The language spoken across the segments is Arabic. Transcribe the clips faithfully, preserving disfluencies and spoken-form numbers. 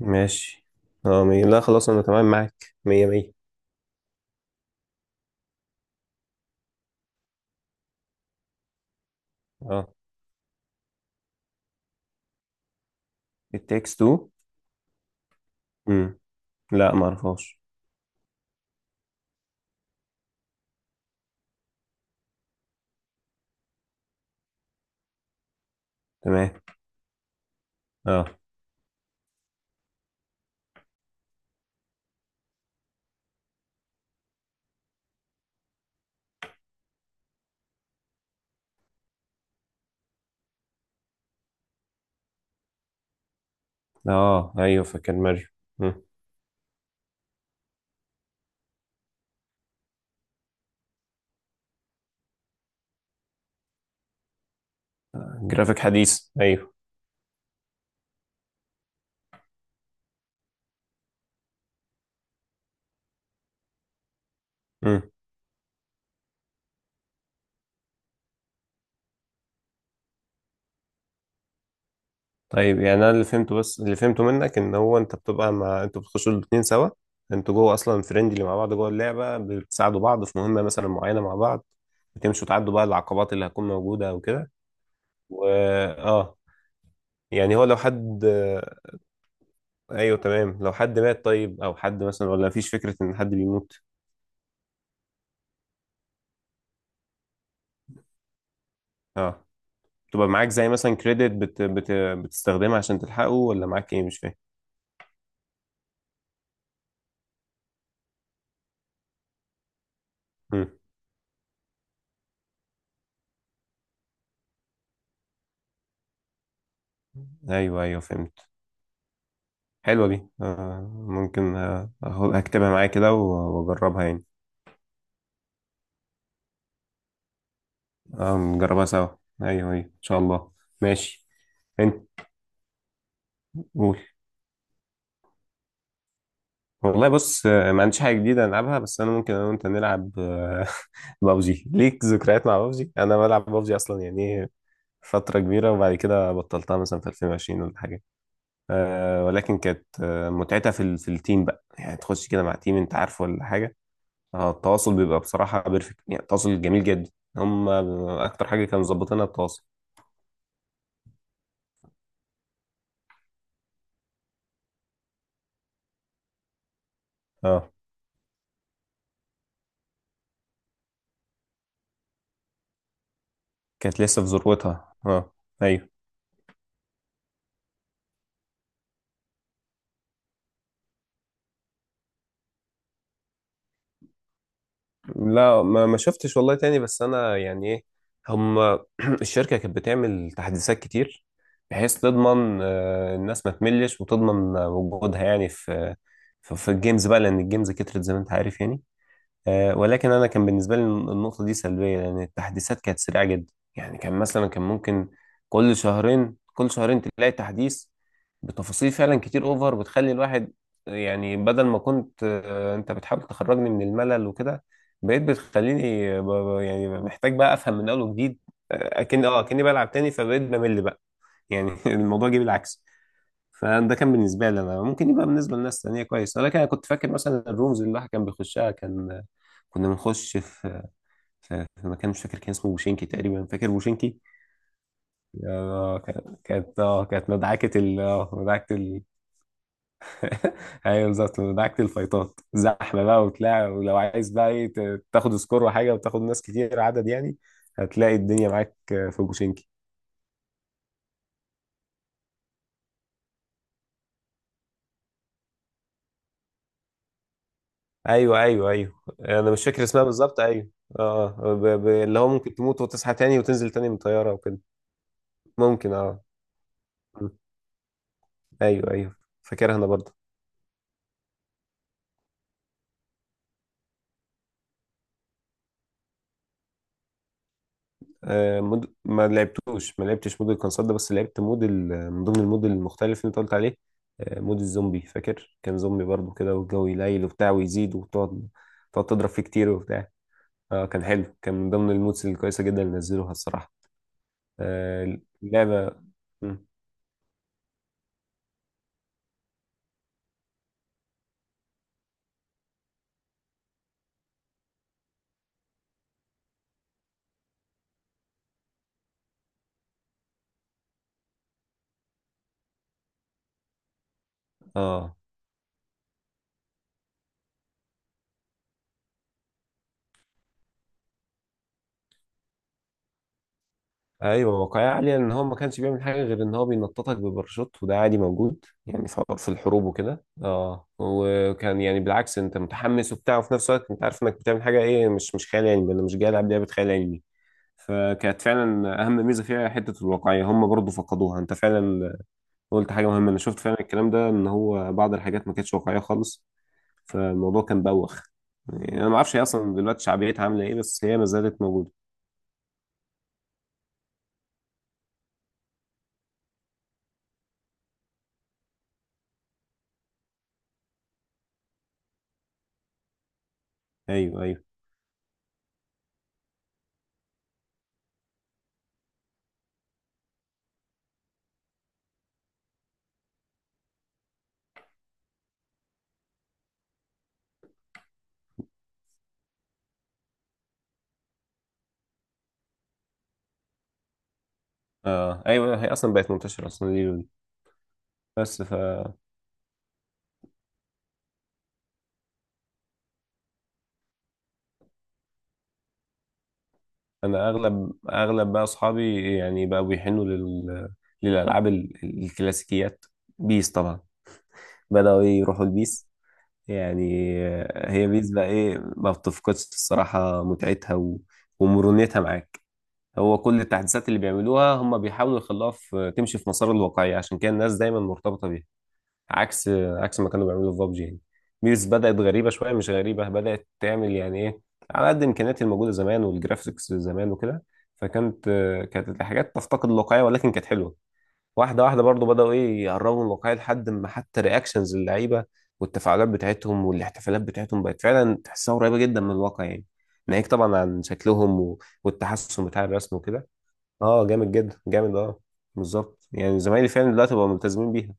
ماشي. اه مي... لا خلاص انا تمام معاك مية مية. اه، it takes two. امم لا ما اعرفهاش. تمام. اه. اه ايوه، فاكر ماريو. امم جرافيك حديث ايوه. امم طيب يعني انا اللي فهمته، بس اللي فهمته منك ان هو انت بتبقى مع، انتوا بتخشوا الاتنين سوا، انتوا جوه اصلا فريندلي مع بعض جوه اللعبه، بتساعدوا بعض في مهمه مثلا معينه مع بعض، بتمشوا تعدوا بقى العقبات اللي هتكون موجوده وكده. و اه يعني هو لو حد، ايوه تمام، لو حد مات طيب، او حد مثلا، ولا مفيش فكره ان حد بيموت؟ اه. تبقى معاك زي مثلا كريدت بت... بت... بتستخدمها عشان تلحقه، ولا معاك ايه؟ مش فاهم. مم. ايوه ايوه فهمت. حلوه دي آه. ممكن آه آخد- هكتبها معايا كده و- واجربها يعني. اه نجربها سوا. ايوه ايوه ان شاء الله. ماشي. انت قول. والله بص، آه، ما عنديش حاجه جديده العبها، بس انا ممكن انا وانت نلعب، آه، بابجي. ليك ذكريات مع بابجي؟ انا بلعب بابجي اصلا، يعني فترة كبيرة، وبعد كده بطلتها مثلا في ألفين وعشرين ولا حاجة. آه ولكن كانت آه متعتها في ال... في التيم بقى، يعني تخش كده مع تيم، انت عارفه ولا حاجة؟ آه، التواصل بيبقى بصراحة بيرفكت، يعني التواصل جميل جدا. هم. أكتر حاجة كانوا مظبطينها التواصل. اه كانت لسه في ذروتها اه. ايوه. لا ما ما شفتش والله تاني، بس انا يعني ايه. هم. الشركه كانت بتعمل تحديثات كتير، بحيث تضمن آه، الناس ما تملش، وتضمن وجودها يعني في في, في الجيمز بقى، لان الجيمز كترت زي ما انت عارف يعني. آه، ولكن انا كان بالنسبه لي النقطه دي سلبيه، لان التحديثات كانت سريعه جدا. يعني كان مثلا، كان ممكن كل شهرين كل شهرين تلاقي تحديث بتفاصيل فعلا كتير اوفر، بتخلي الواحد يعني، بدل ما كنت آه، انت بتحاول تخرجني من الملل وكده، بقيت بتخليني آه، ب- ب- يعني محتاج بقى افهم من اول وجديد. آه، اكن اه اكني بلعب تاني، فبقيت بمل بقى. يعني الموضوع جه بالعكس. فده كان بالنسبه لي انا، ممكن يبقى بالنسبه لناس تانيه كويس، ولكن انا كنت فاكر مثلا الرومز اللي الواحد كان بيخشها، كان كنا بنخش في في في مكان مش فاكر كان اسمه بوشينكي تقريبا، فاكر بوشينكي؟ آه، كا- كانت اه كانت مدعكة ال آه، مدعكة ال... ايوه بالظبط، مدعكة الفايتات، زحمة بقى وبتاع، ولو عايز بقى ايه ت- تاخد سكور وحاجة، وتاخد ناس كتير عدد يعني، هتلاقي الدنيا معاك آه، في بوشينكي. ايوه ايوه ايوه انا مش فاكر اسمها بالظبط، ايوه. اه آه، ب... ب... اللي هو ممكن تموت وتصحى تاني وتنزل تاني من طيارة وكده. ممكن اه. ايوه ايوه، فاكرها انا برضه. آه، مود... ما لعبتوش ما لعبتش مود الكونسول ده، بس لعبت مود ال... من ضمن المود المختلف اللي انت قلت عليه، آه، مود الزومبي، فاكر كان زومبي برضو كده، والجو يليل وبتاع، ويزيد وتقعد تقعد تضرب فيه كتير وبتاع. اه كان حلو، كان من ضمن المودز الكويسة جدا اللي نزلوها الصراحة. آه، اللعبة. مم. اه ايوه واقعية عالية، ان هو ما كانش بيعمل حاجة غير ان هو بينططك بباراشوت، وده عادي موجود يعني في في الحروب وكده اه، وكان يعني بالعكس انت متحمس وبتاع، وفي نفس الوقت انت عارف انك بتعمل حاجة ايه، مش مش خيال علمي. انا مش جاي العب لعبة خيال علمي. فكانت فعلا اهم ميزة فيها حتة الواقعية، هم برضو فقدوها. انت فعلا قلت حاجة مهمة، انا شفت فعلا الكلام ده، ان هو بعض الحاجات ما كانتش واقعية خالص. فالموضوع كان بوخ، يعني انا ما اعرفش هي اصلا دلوقتي شعبيتها عاملة ايه، بس هي ما زالت موجودة. ايوه ايوه. اه ايوه هي اصلا بقت منتشرة اصلا دي، بس فانا، اغلب اغلب بقى اصحابي يعني بقوا بيحنوا لل... للالعاب ال- الكلاسيكيات. بيس طبعا. بداوا إيه، يروحوا البيس يعني. هي بيس بقى ايه، ما بتفقدش الصراحه متعتها و... ومرونتها معاك. هو كل التحديثات اللي بيعملوها، هم بيحاولوا يخلوها في... تمشي في مسار الواقعيه، عشان كده الناس دايما مرتبطه بيها. عكس عكس ما كانوا بيعملوا في بابجي يعني. بيس بدأت غريبة شوية، مش غريبة، بدأت تعمل يعني ايه على قد إمكانيات الموجودة زمان والجرافيكس زمان وكده. فكانت آه، كانت الحاجات تفتقد الواقعية، ولكن كانت حلوة. واحدة واحدة برضو بدأوا ايه يقربوا من الواقعية، لحد ما حتى رياكشنز اللعيبة والتفاعلات بتاعتهم والاحتفالات بتاعتهم بقت فعلا تحسها قريبة جدا من الواقع يعني. ناهيك طبعا عن شكلهم و- والتحسن بتاع الرسم وكده. اه جامد جدا جامد اه. بالظبط، يعني زمايلي فعلا دلوقتي بقوا ملتزمين بيها.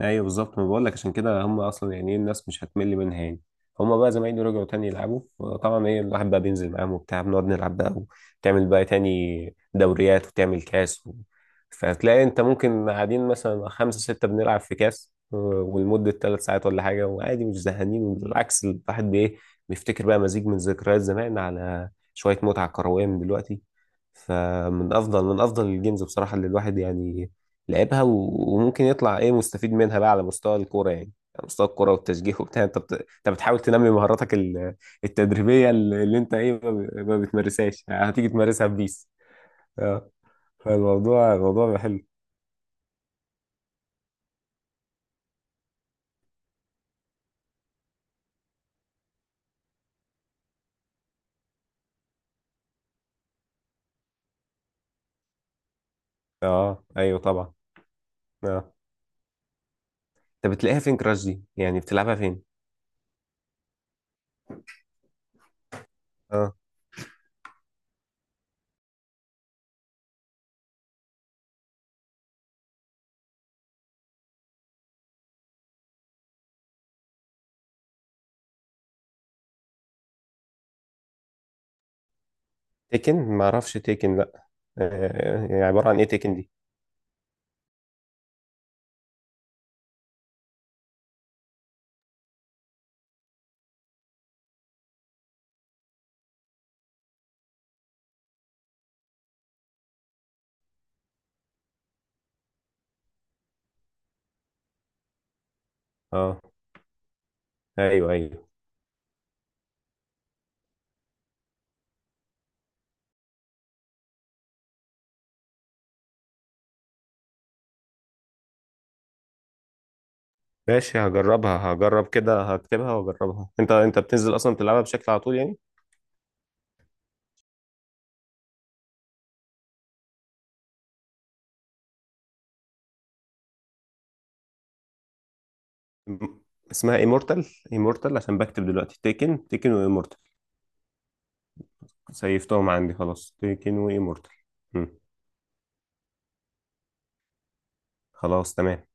ايوه بالظبط، ما بقول لك عشان كده هم اصلا يعني ايه، الناس مش هتمل منها يعني. هم بقى زمايلي رجعوا تاني يلعبوا، طبعا ايه الواحد بقى بينزل معاهم وبتاع، بنقعد نلعب بقى، وتعمل بقى تاني دوريات، وتعمل كاس و... فتلاقي انت ممكن قاعدين مثلا خمسة ستة بنلعب في كاس و- ولمدة ثلاث ساعات ولا حاجة، وعادي مش زهقانين، بالعكس الواحد بايه، بيفتكر بقى مزيج من ذكريات زمان على شوية متعة كروية من دلوقتي. فمن افضل من افضل الجيمز بصراحة اللي الواحد يعني لعبها و- وممكن يطلع ايه مستفيد منها بقى على مستوى الكوره يعني، على مستوى الكوره والتشجيع وبتاع. انت بت... انت بتحاول تنمي مهاراتك ال- التدريبيه اللي اللي انت ايه ما ب- ما بتمارسهاش، هتيجي تمارسها في بيس. اه. فالموضوع الموضوع بقى حلو. اه ايوه طبعا. اه. انت بتلاقيها فين كراش دي، يعني بتلعبها فين؟ اه تيكن، ما اعرفش تيكن لا. آه، يعني عباره عن ايه تيكن دي؟ اه ايوه ايوه. ماشي هجربها، هجرب كده، هكتبها واجربها. انت انت بتنزل اصلا تلعبها بشكل على طول يعني؟ م- اسمها ايمورتال؟ ايمورتال، عشان بكتب دلوقتي، تيكن تيكن وايمورتال. سيفتهم عندي خلاص، تيكن وايمورتال. مم. خلاص تمام.